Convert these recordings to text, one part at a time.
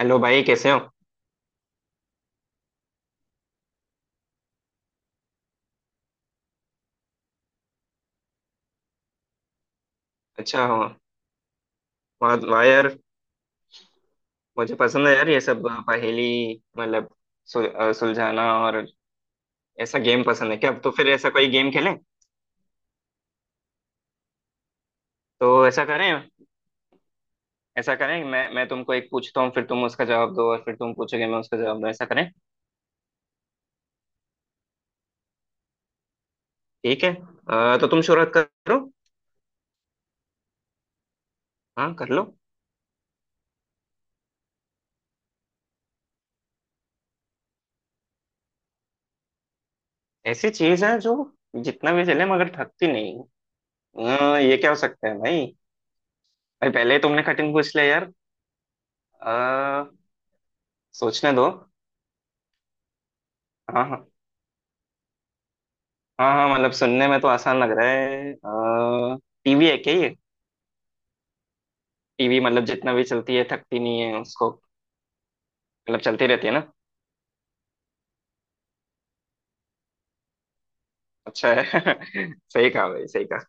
Hello भाई, कैसे हो? अच्छा। हाँ। वाह वाह यार, मुझे पसंद है यार ये सब पहेली। मतलब सुलझाना। और ऐसा गेम पसंद है क्या? तो फिर ऐसा कोई गेम खेलें। तो ऐसा करें। ऐसा करें, मैं तुमको एक पूछता हूँ, फिर तुम उसका जवाब दो, और फिर तुम पूछोगे, मैं उसका जवाब दूँ। ऐसा करें? ठीक है। तो तुम शुरुआत करो। हाँ, कर लो। ऐसी चीज है जो जितना भी चले मगर थकती नहीं। ये क्या हो सकता है भाई? भाई, पहले ही तुमने कठिन पूछ लिया यार। अ, सोचने दो। हाँ हाँ। हाँ हाँ, मतलब सुनने में तो आसान लग रहा है। टीवी है क्या ये? टीवी मतलब जितना भी चलती है थकती नहीं है उसको। मतलब चलती रहती है ना। अच्छा है। सही कहा भाई, सही कहा।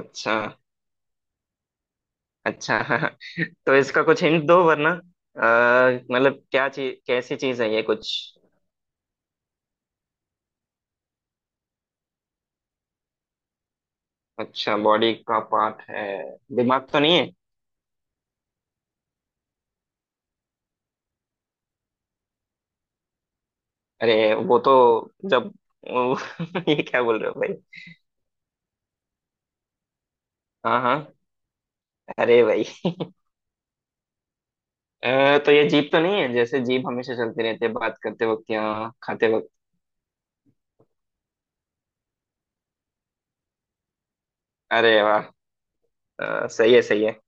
अच्छा। अच्छा। तो इसका कुछ हिंट दो, वरना मतलब क्या चीज, कैसी चीज है ये कुछ। अच्छा, बॉडी का पार्ट है। दिमाग तो नहीं है? अरे वो तो। जब वो- ये क्या बोल रहे हो भाई? हाँ हाँ। अरे भाई, तो ये जीप तो नहीं है? जैसे जीप हमेशा चलती रहती है बात करते वक्त या खाते वक्त। अरे वाह! सही है, सही है।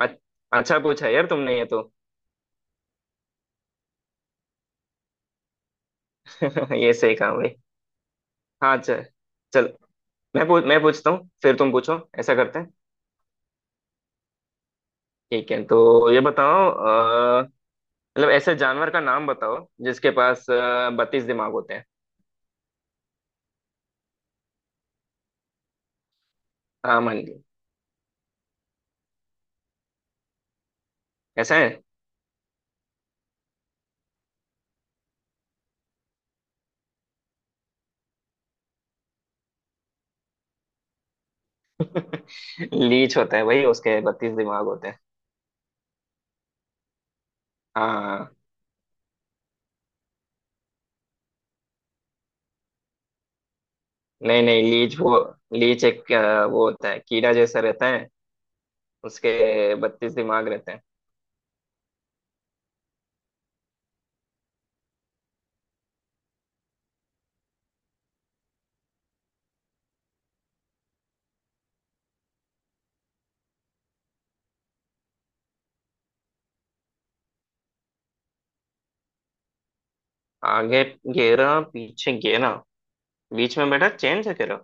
अच- अच्छा पूछा यार तुमने ये तो। ये सही कहा भाई। हाँ, चल चल। मैं पूछता हूँ, फिर तुम पूछो, ऐसा करते हैं। ठीक है, तो ये बताओ। मतलब ऐसे जानवर का नाम बताओ जिसके पास 32 दिमाग होते हैं। हाँ, मान ली। ऐसा है। लीच होता है भाई, उसके 32 दिमाग होते हैं। हाँ। नहीं नहीं, लीच वो। लीच एक वो होता है, कीड़ा जैसा रहता है। उसके 32 दिमाग रहते हैं। आगे घेरा, पीछे घेरा, बीच में बेटा चेन चकेरा।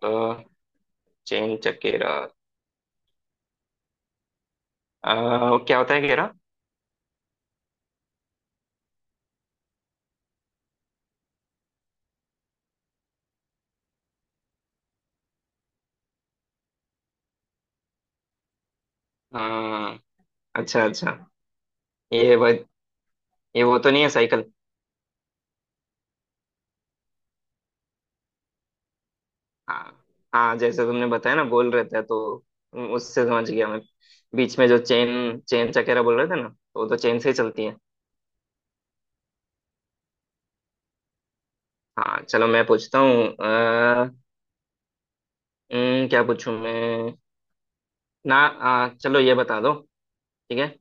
तो चेन चकेरा। क्या होता है घेरा? अ, अच्छा अच्छा। ये वो ये वो तो नहीं है, साइकिल? हाँ हाँ, जैसे तुमने बताया ना, गोल रहता है, तो उससे समझ गया मैं। बीच में जो चेन चेन चकेरा बोल रहे थे ना, तो वो तो चेन से ही चलती है। हाँ, चलो मैं पूछता हूँ। अ, क्या पूछूं मैं? ना चलो ये बता दो। ठीक है।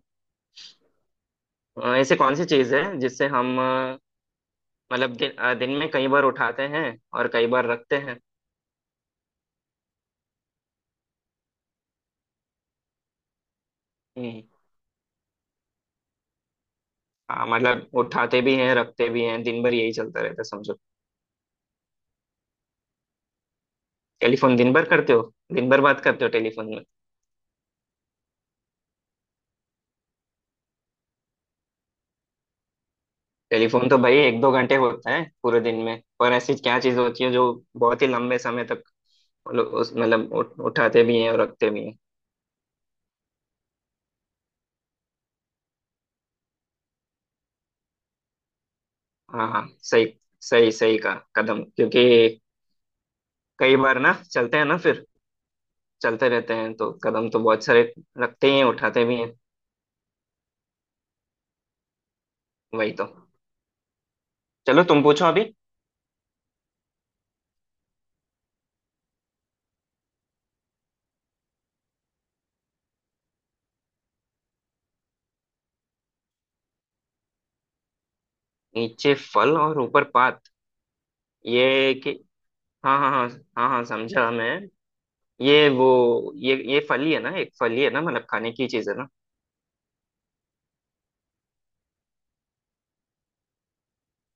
ऐसी कौन सी चीज़ है जिससे हम मतलब दिन में कई बार उठाते हैं और कई बार रखते हैं। हम्म। मतलब उठाते भी हैं, रखते भी हैं, दिन भर यही चलता रहता है, समझो। टेलीफोन दिन भर करते हो? दिन भर बात करते हो टेलीफोन में? टेलीफोन तो भाई एक दो घंटे होता है पूरे दिन में, पर ऐसी क्या चीज़ होती है जो बहुत ही लंबे समय तक मतलब उस मतलब उठाते भी हैं और रखते भी हैं। हाँ हाँ, सही। सही सही का कदम, क्योंकि कई बार ना चलते हैं ना, फिर चलते रहते हैं, तो कदम तो बहुत सारे रखते ही हैं, उठाते भी हैं। वही तो। चलो तुम पूछो अभी। नीचे फल और ऊपर पात। ये कि। हाँ हाँ हाँ। हाँ हाँ, समझा मैं। ये वो। ये फल ही है ना? एक फल ही है ना? मतलब खाने की चीज है ना?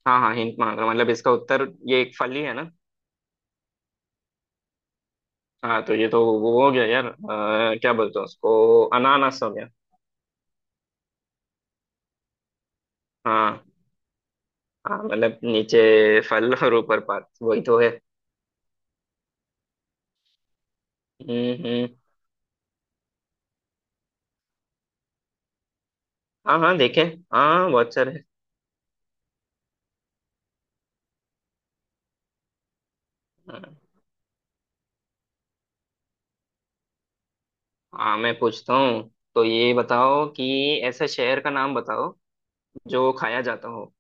हाँ हाँ, हिंट मांग रहा हूँ, मतलब इसका उत्तर ये एक फल ही है ना? हाँ, तो ये तो वो हो गया यार, क्या बोलते हैं उसको, अनानास हो गया। हाँ। हाँ, मतलब नीचे फल और ऊपर पात, वही तो है। हम्म। हम्म। हाँ हाँ देखे। हाँ बहुत सारे। हाँ, मैं पूछता हूँ। तो ये बताओ कि ऐसे शहर का नाम बताओ जो खाया जाता हो।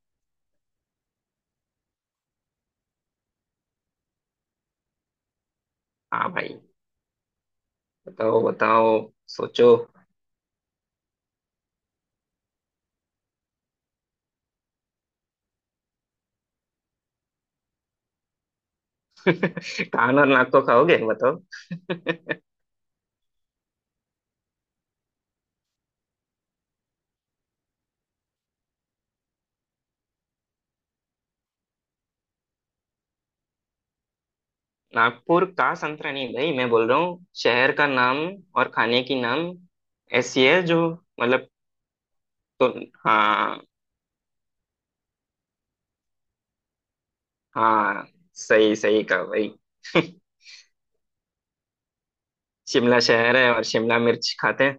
हाँ भाई। बताओ बताओ। सोचो। कान और नाक को खाओगे? बताओ। नागपुर का संतरा नहीं भाई, मैं बोल रहा हूँ शहर का नाम और खाने की नाम। ऐसी है जो मतलब। तो। हाँ हाँ, सही, सही कहा भाई। शिमला शहर है और शिमला मिर्च खाते हैं।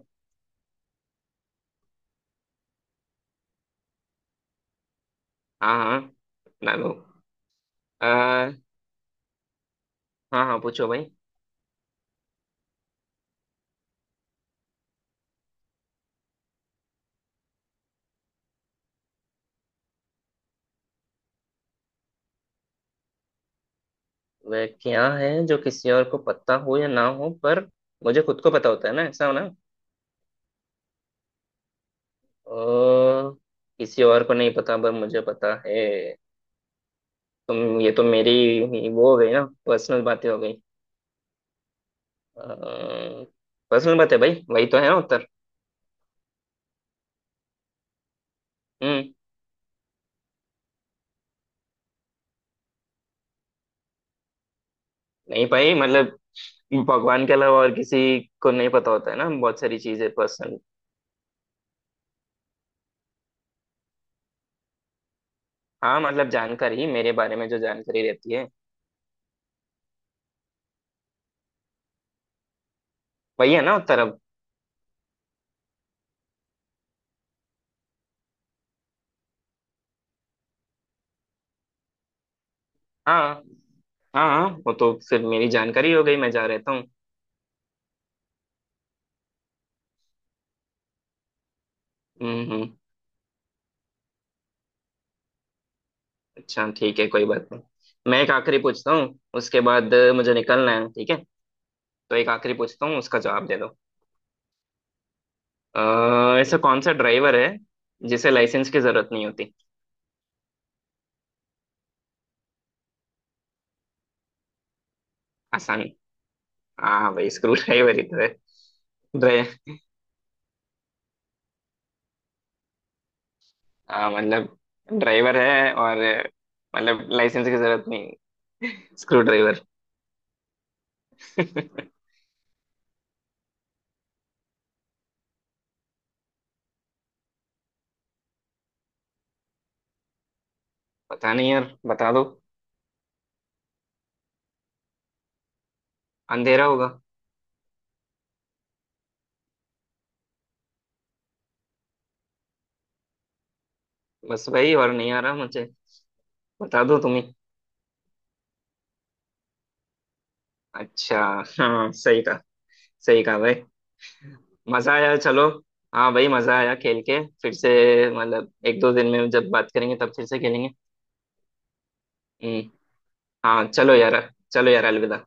हाँ हाँ। ना लो। आ, हाँ हाँ, पूछो भाई। वह क्या है जो किसी और को पता हो या ना हो पर मुझे खुद को पता होता है ना, ऐसा हो ना? ओ, किसी और को नहीं पता पर मुझे पता है। तुम ये तो मेरी ही वो हो गई ना, पर्सनल बातें हो गई। पर्सनल बातें भाई, वही तो है ना उत्तर। हम्म। नहीं भाई, मतलब भगवान के अलावा और किसी को नहीं पता होता है ना, बहुत सारी चीजें पर्सनल। हाँ, मतलब जानकारी, मेरे बारे में जो जानकारी रहती है, वही है ना उत्तर अब। हाँ हाँ। हाँ, वो तो फिर मेरी जानकारी हो गई, मैं जा रहता हूँ। हम्म, हम्म। अच्छा, ठीक है, कोई बात नहीं। मैं एक आखिरी पूछता हूँ, उसके बाद मुझे निकलना है, ठीक है? तो एक आखिरी पूछता हूँ, उसका जवाब दे दो। ऐसा कौन सा ड्राइवर है जिसे लाइसेंस की जरूरत नहीं होती? आसान? हाँ भाई, स्क्रू ड्राइवर ही तो है। ड्राइव। हाँ, मतलब ड्राइवर है और मतलब लाइसेंस की जरूरत नहीं। Screw driver. पता नहीं यार, बता दो। अंधेरा होगा। बस भाई, और नहीं आ रहा मुझे, बता दो तुम्हें। अच्छा। हाँ, सही कहा। सही कहा भाई, मजा आया। चलो, हाँ भाई मजा आया खेल के, फिर से मतलब एक दो दिन में जब बात करेंगे तब फिर से खेलेंगे। हम्म। हाँ चलो यार। चलो यार, अलविदा।